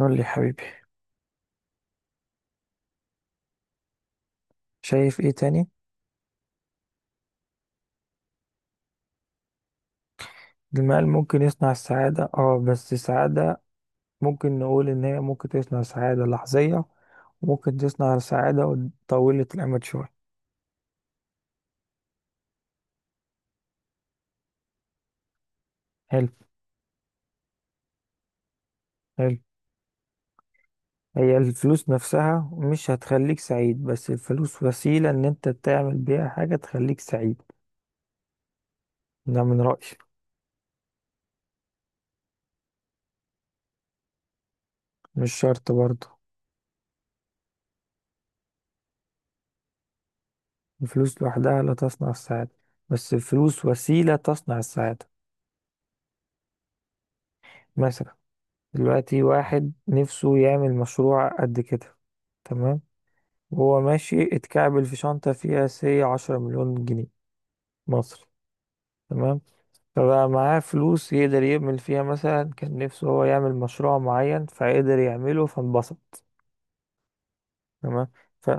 قول لي يا حبيبي. شايف ايه تاني؟ المال ممكن يصنع السعادة، اه، بس السعادة ممكن نقول ان هي ممكن تصنع سعادة لحظية، وممكن تصنع سعادة طويلة الأمد شوية. حلو حلو. هي الفلوس نفسها مش هتخليك سعيد، بس الفلوس وسيلة ان انت تعمل بيها حاجة تخليك سعيد. ده من رأيي. مش شرط برضه. الفلوس لوحدها لا تصنع السعادة، بس الفلوس وسيلة تصنع السعادة. مثلا دلوقتي واحد نفسه يعمل مشروع قد كده، تمام، وهو ماشي اتكعبل في شنطة فيها سي 10 مليون جنيه مصري. تمام. فبقى معاه فلوس يقدر يعمل فيها مثلا كان نفسه هو يعمل مشروع معين فقدر يعمله فانبسط. تمام. ف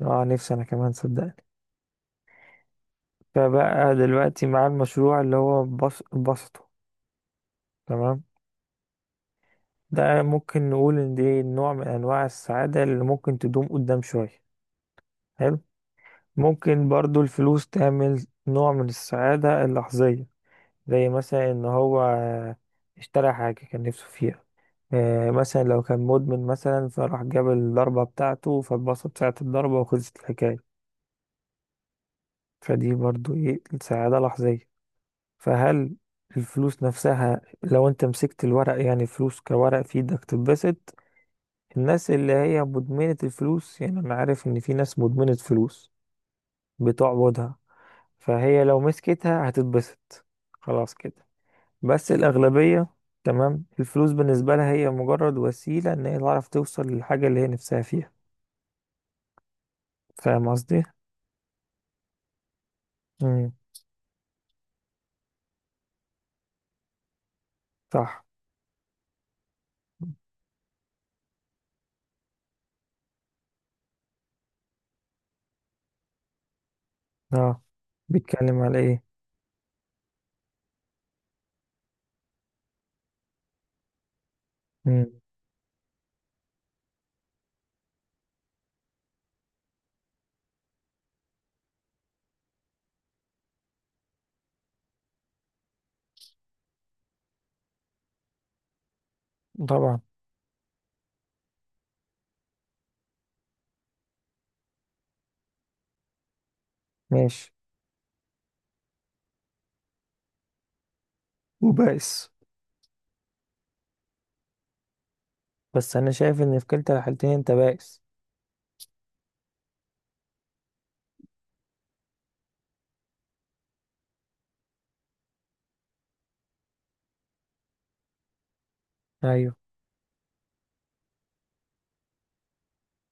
اه نفسي انا كمان صدقني. فبقى دلوقتي معاه المشروع اللي هو انبسطه. تمام. ده ممكن نقول ان دي نوع من انواع السعادة اللي ممكن تدوم قدام شوية. حلو. ممكن برضو الفلوس تعمل نوع من السعادة اللحظية، زي مثلا ان هو اشترى حاجة كان نفسه فيها. مثلا لو كان مدمن مثلا، فراح جاب الضربة بتاعته فاتبسط ساعة الضربة وخلصت الحكاية. فدي برضو ايه سعادة لحظية. فهل الفلوس نفسها لو انت مسكت الورق، يعني فلوس كورق في ايدك تتبسط؟ الناس اللي هي مدمنة الفلوس، يعني انا عارف ان في ناس مدمنة فلوس، بتعبدها، فهي لو مسكتها هتتبسط، خلاص كده. بس الأغلبية، تمام، الفلوس بالنسبة لها هي مجرد وسيلة إن هي تعرف توصل للحاجة اللي هي نفسها فيها. فاهم قصدي؟ مم. صح. اه. بيتكلم على ايه؟ مم. طبعا. ماشي. وبائس. بس أنا شايف إن في كلتا الحالتين أنت بائس. أيوه.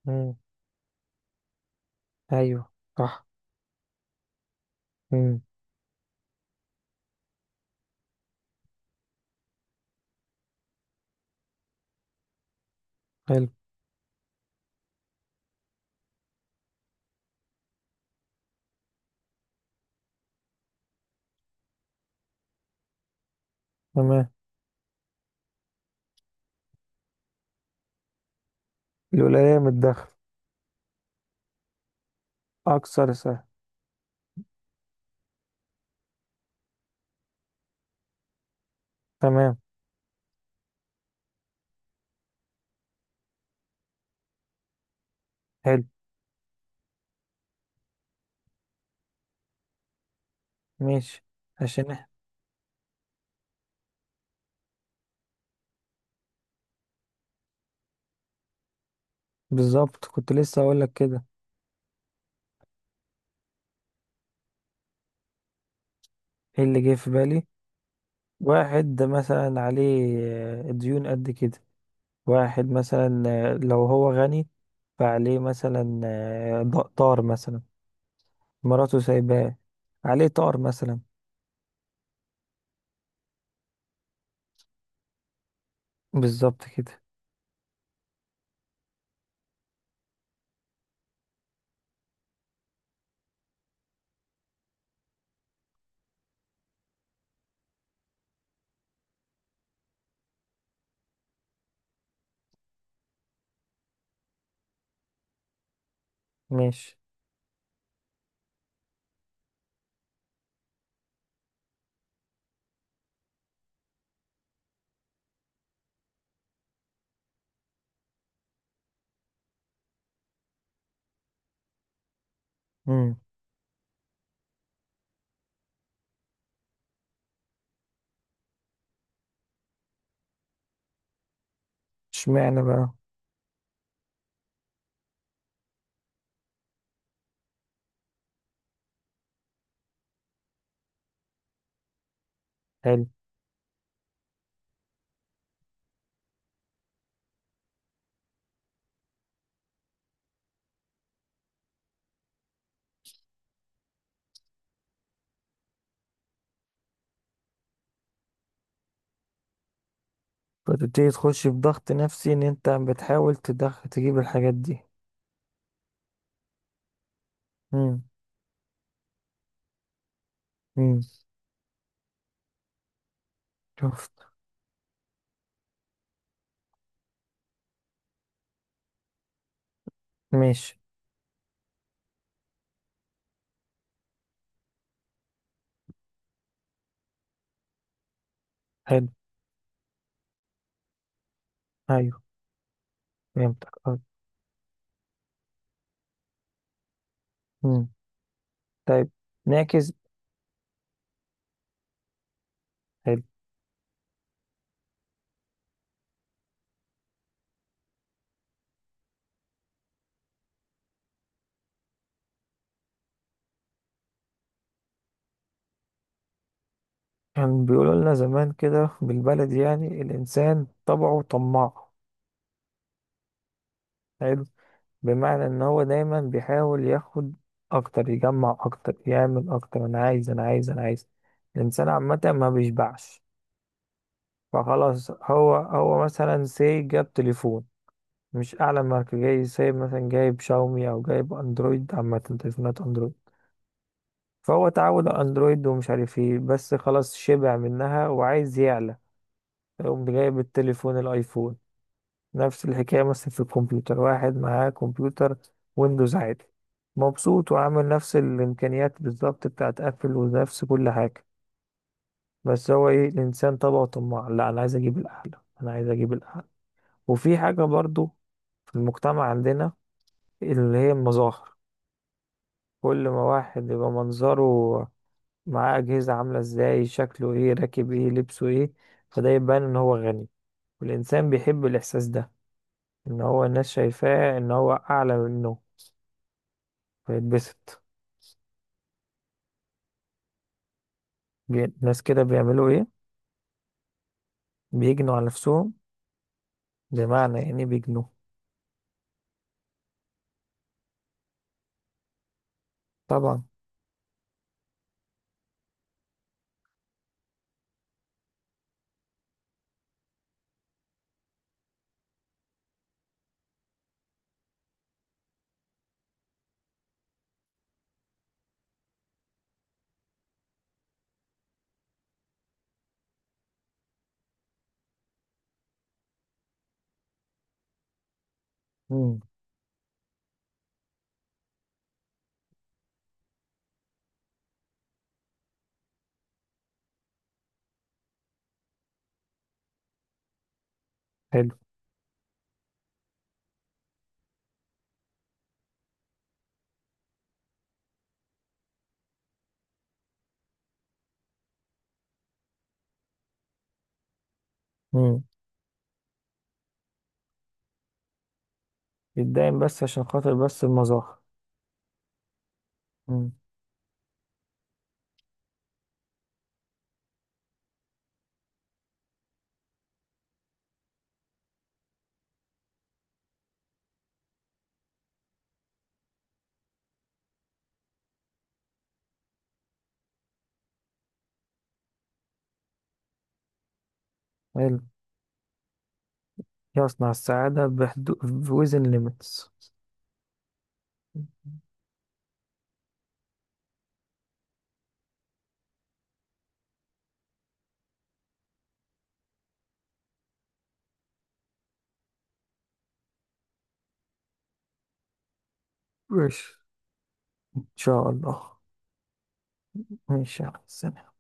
مم. أيوه. صح. مم. حلو. تمام. الولاية من الدخل. أكثر سهل. تمام. حلو. ماشي. عشان إح- بالظبط كنت لسه أقولك كده. إيه اللي جه في بالي؟ واحد ده مثلا عليه ديون قد كده. واحد مثلا لو هو غني، فعليه مثلا، طار مثلا، مراته سايباه. عليه طار مثلا. بالظبط كده. ماشي. امم. اشمعنى بقى؟ حلو. فتبتدي تخش في ضغط نفسي ان انت بتحاول تدخل تجيب الحاجات دي. امم. امم. شفت. ماشي. حلو. ايوه. فهمتك. اه. امم. طيب. نعكس. حلو. كان بيقولوا لنا زمان كده بالبلدي، يعني الإنسان طبعه طماع. حلو. بمعنى إن هو دايما بيحاول ياخد أكتر، يجمع أكتر، يعمل أكتر. أنا عايز، أنا عايز، أنا عايز. الإنسان عامة ما بيشبعش. فخلاص، هو مثلا سي جاب تليفون، مش أعلى ماركة. جاي سي مثلا جايب شاومي أو جايب أندرويد، عامة تليفونات أندرويد. فهو اتعود على أندرويد ومش عارف إيه، بس خلاص شبع منها وعايز يعلى، يقوم جايب التليفون الأيفون. نفس الحكاية مثلا في الكمبيوتر، واحد معاه كمبيوتر ويندوز عادي، مبسوط وعامل نفس الإمكانيات بالظبط بتاعت أبل ونفس كل حاجة، بس هو إيه، الإنسان طبعه طماع، لا أنا عايز أجيب الأعلى، أنا عايز أجيب الأعلى. وفي حاجة برضو في المجتمع عندنا، اللي هي المظاهر، كل ما واحد يبقى منظره معاه أجهزة، عاملة إزاي، شكله إيه، راكب إيه، لبسه إيه، فده يبان إن هو غني، والإنسان بيحب الإحساس ده، إن هو الناس شايفاه إن هو أعلى منه، فيتبسط. ناس كده بيعملوا ايه؟ بيجنوا على نفسهم. بمعنى يعني بيجنوا. طبعا. مم. حلو. مم. يتداين بس عشان خاطر بس المظاهر. مم. حلو. يصنع السعادة بحدود. within limits. ماشي. إن شاء الله. ماشي يا عم.